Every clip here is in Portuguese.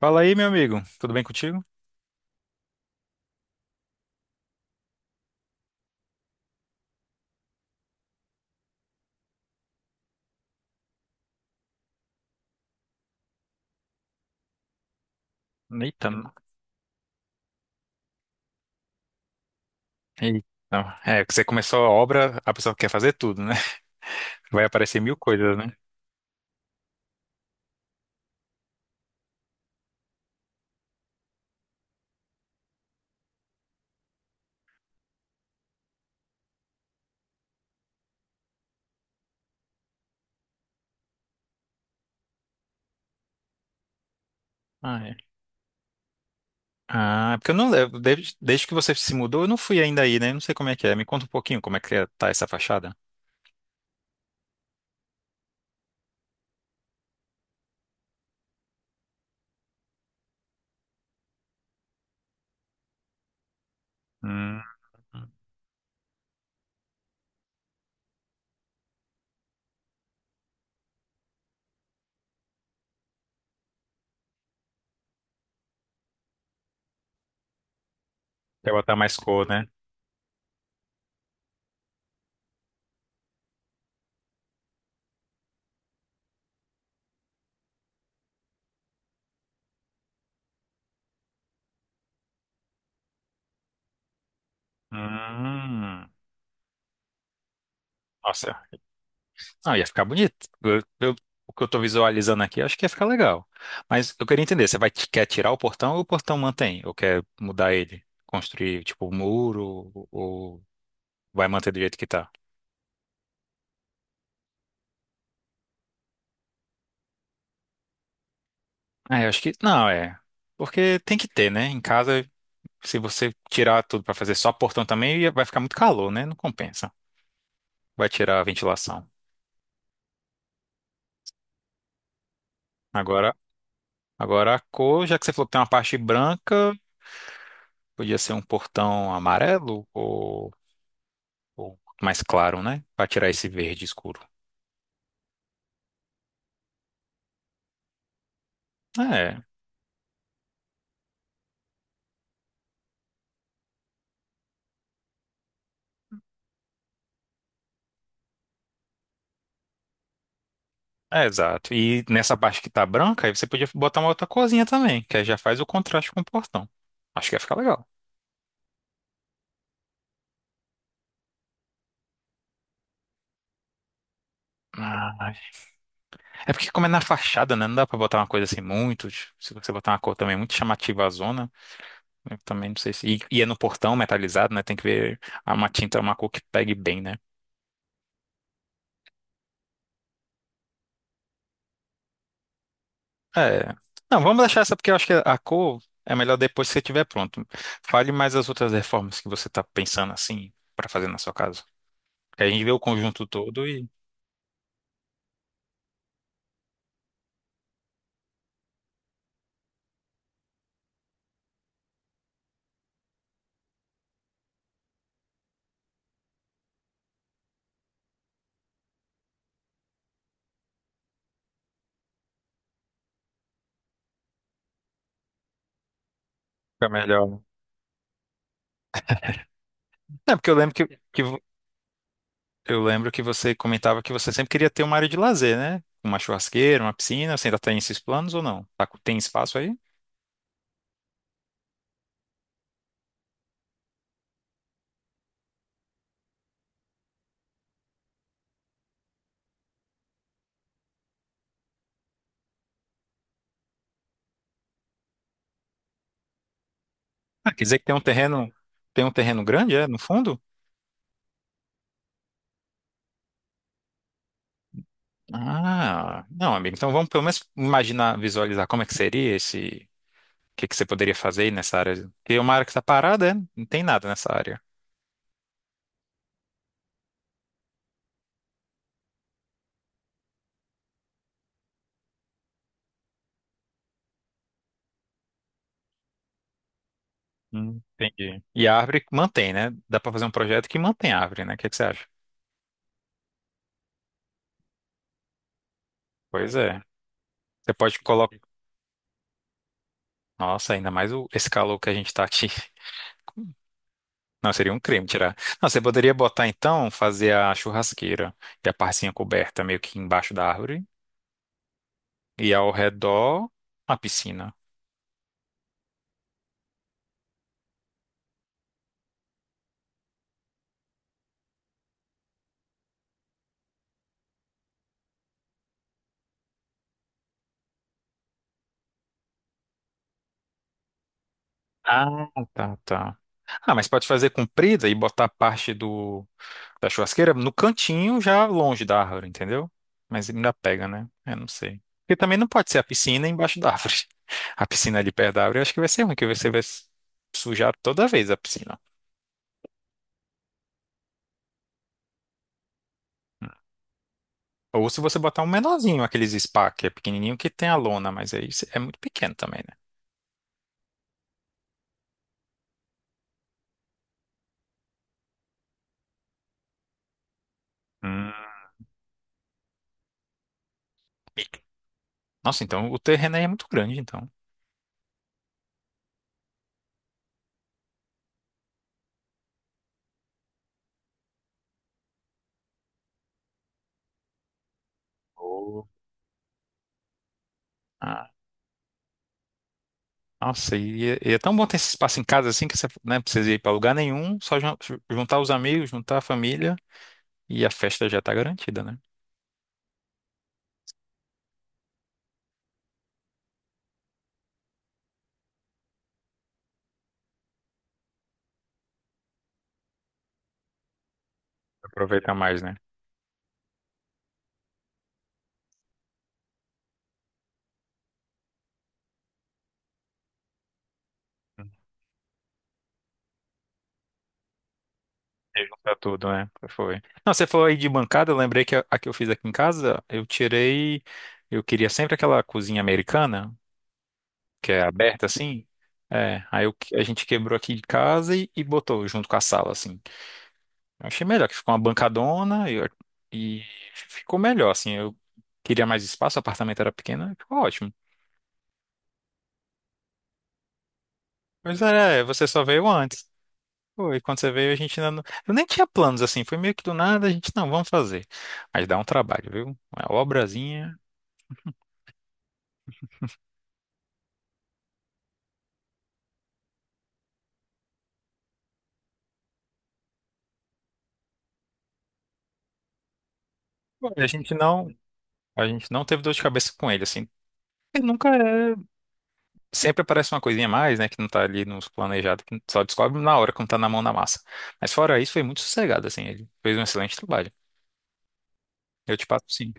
Fala aí, meu amigo. Tudo bem contigo? Eita, eita. É, que você começou a obra, a pessoa quer fazer tudo, né? Vai aparecer mil coisas, né? Ah, é. Ah, porque eu não levo. Desde que você se mudou, eu não fui ainda aí, né? Não sei como é que é. Me conta um pouquinho como é que tá essa fachada. Hum, quer botar mais cor, né? Hum, nossa, não, ia ficar bonito. O que eu tô visualizando aqui, acho que ia ficar legal. Mas eu queria entender, você vai, quer tirar o portão ou o portão mantém? Ou quer mudar ele? Construir, tipo, um muro? Ou vai manter do jeito que tá? Ah, eu acho que... Não, é. Porque tem que ter, né? Em casa, se você tirar tudo pra fazer só portão também, vai ficar muito calor, né? Não compensa. Vai tirar a ventilação. Agora, agora a cor, já que você falou que tem uma parte branca, podia ser um portão amarelo? Ou mais claro, né? Para tirar esse verde escuro. É, é exato. E nessa parte que tá branca, aí você podia botar uma outra corzinha também, que aí já faz o contraste com o portão. Acho que ia ficar legal. Ah, é porque como é na fachada, né? Não dá pra botar uma coisa assim muito. Se você botar uma cor também muito chamativa à zona, eu também não sei se. E é no portão metalizado, né? Tem que ver uma tinta, uma cor que pegue bem, né? É. Não, vamos deixar essa porque eu acho que a cor é melhor depois que você estiver pronto. Fale mais as outras reformas que você está pensando assim para fazer na sua casa. Que a gente vê o conjunto todo e fica melhor, né? É porque eu lembro eu lembro que você comentava que você sempre queria ter uma área de lazer, né? Uma churrasqueira, uma piscina. Você ainda tem esses planos ou não? Tem espaço aí? Ah, quer dizer que tem um terreno grande, é, no fundo? Ah, não, amigo. Então vamos pelo menos imaginar, visualizar como é que seria esse que você poderia fazer aí nessa área? Porque uma área que está parada, né? Não tem nada nessa área. Entendi. E a árvore que mantém, né? Dá para fazer um projeto que mantém a árvore, né? O que que você acha? Pois é. Você pode colocar. Nossa, ainda mais o... esse calor que a gente tá aqui. Não, seria um crime tirar. Não, você poderia botar então, fazer a churrasqueira e a parcinha coberta meio que embaixo da árvore e ao redor uma piscina. Ah, tá, tá. Ah, mas pode fazer comprida e botar parte do da churrasqueira no cantinho, já longe da árvore, entendeu? Mas ele ainda pega, né? Eu não sei. Porque também não pode ser a piscina embaixo da árvore. A piscina ali perto da árvore, eu acho que vai ser ruim, que você vai sujar toda vez a piscina. Ou se você botar um menorzinho, aqueles spa, que é pequenininho, que tem a lona, mas aí é muito pequeno também, né? Hum. Nossa, então o terreno aí é muito grande, então. Oh. Nossa, e é tão bom ter esse espaço em casa assim que você né, não precisa ir pra lugar nenhum, só juntar os amigos, juntar a família e a festa já tá garantida, né? Aproveita mais, né? E juntar tudo, né? Foi. Não, você falou aí de bancada, eu lembrei que a que eu fiz aqui em casa, eu tirei. Eu queria sempre aquela cozinha americana, que é aberta assim. É, a gente quebrou aqui de casa e botou junto com a sala, assim. Eu achei melhor, que ficou uma bancadona e ficou melhor, assim. Eu queria mais espaço, o apartamento era pequeno, e ficou ótimo. Pois é, é, você só veio antes. Pô, e quando você veio, a gente ainda não... Eu nem tinha planos, assim, foi meio que do nada, a gente, não, vamos fazer. Mas dá um trabalho, viu? Uma obrazinha. Pô, e a gente não teve dor de cabeça com ele, assim. Ele nunca é... Sempre aparece uma coisinha a mais, né, que não tá ali nos planejados, que só descobre na hora, quando tá na mão na massa. Mas fora isso, foi muito sossegado, assim, ele fez um excelente trabalho. Eu te passo, sim.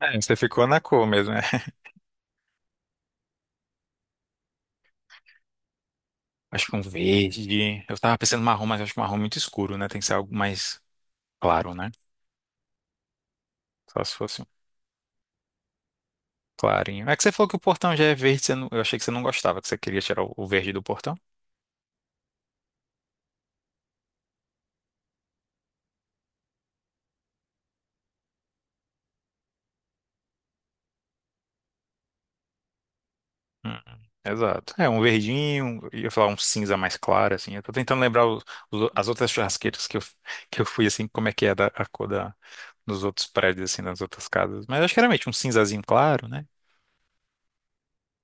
É, você ficou na cor mesmo, né? Acho que um verde. Eu tava pensando marrom, mas acho que marrom é muito escuro, né? Tem que ser algo mais claro, né? Só se fosse um clarinho. É que você falou que o portão já é verde, você não- eu achei que você não gostava, que você queria tirar o verde do portão. Hum, Exato. É, um verdinho, eu ia falar um cinza mais claro, assim. Eu tô tentando lembrar as outras churrasqueiras que eu fui, assim, como é que é a cor da, dos outros prédios, assim, das outras casas. Mas acho que geralmente um cinzazinho claro, né?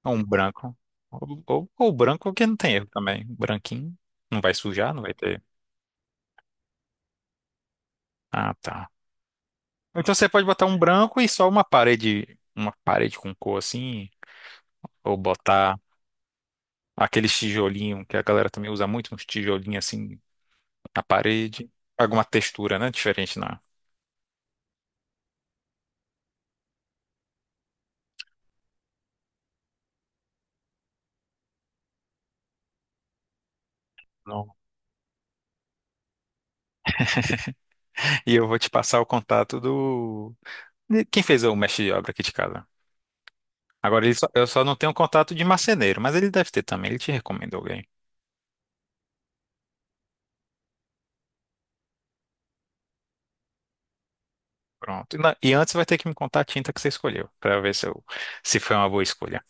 Ou um branco. Ou branco, que não tem erro também. Um branquinho. Não vai sujar, não vai ter. Ah, tá. Então você pode botar um branco e só uma parede com cor, assim. Ou botar aqueles tijolinho que a galera também usa muito, uns tijolinhos, assim, na parede, alguma textura, né, diferente na. Não. E eu vou te passar o contato do de quem fez o mestre de obra aqui de casa. Agora eu só não tenho contato de marceneiro, mas ele deve ter também. Ele te recomendou alguém. Pronto. E e antes vai ter que me contar a tinta que você escolheu, para ver se, eu, se foi uma boa escolha.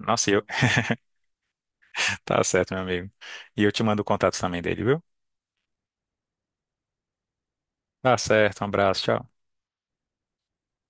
Nossa, e eu, tá certo, meu amigo. E eu te mando o contato também dele, viu? Tá certo, um abraço, tchau.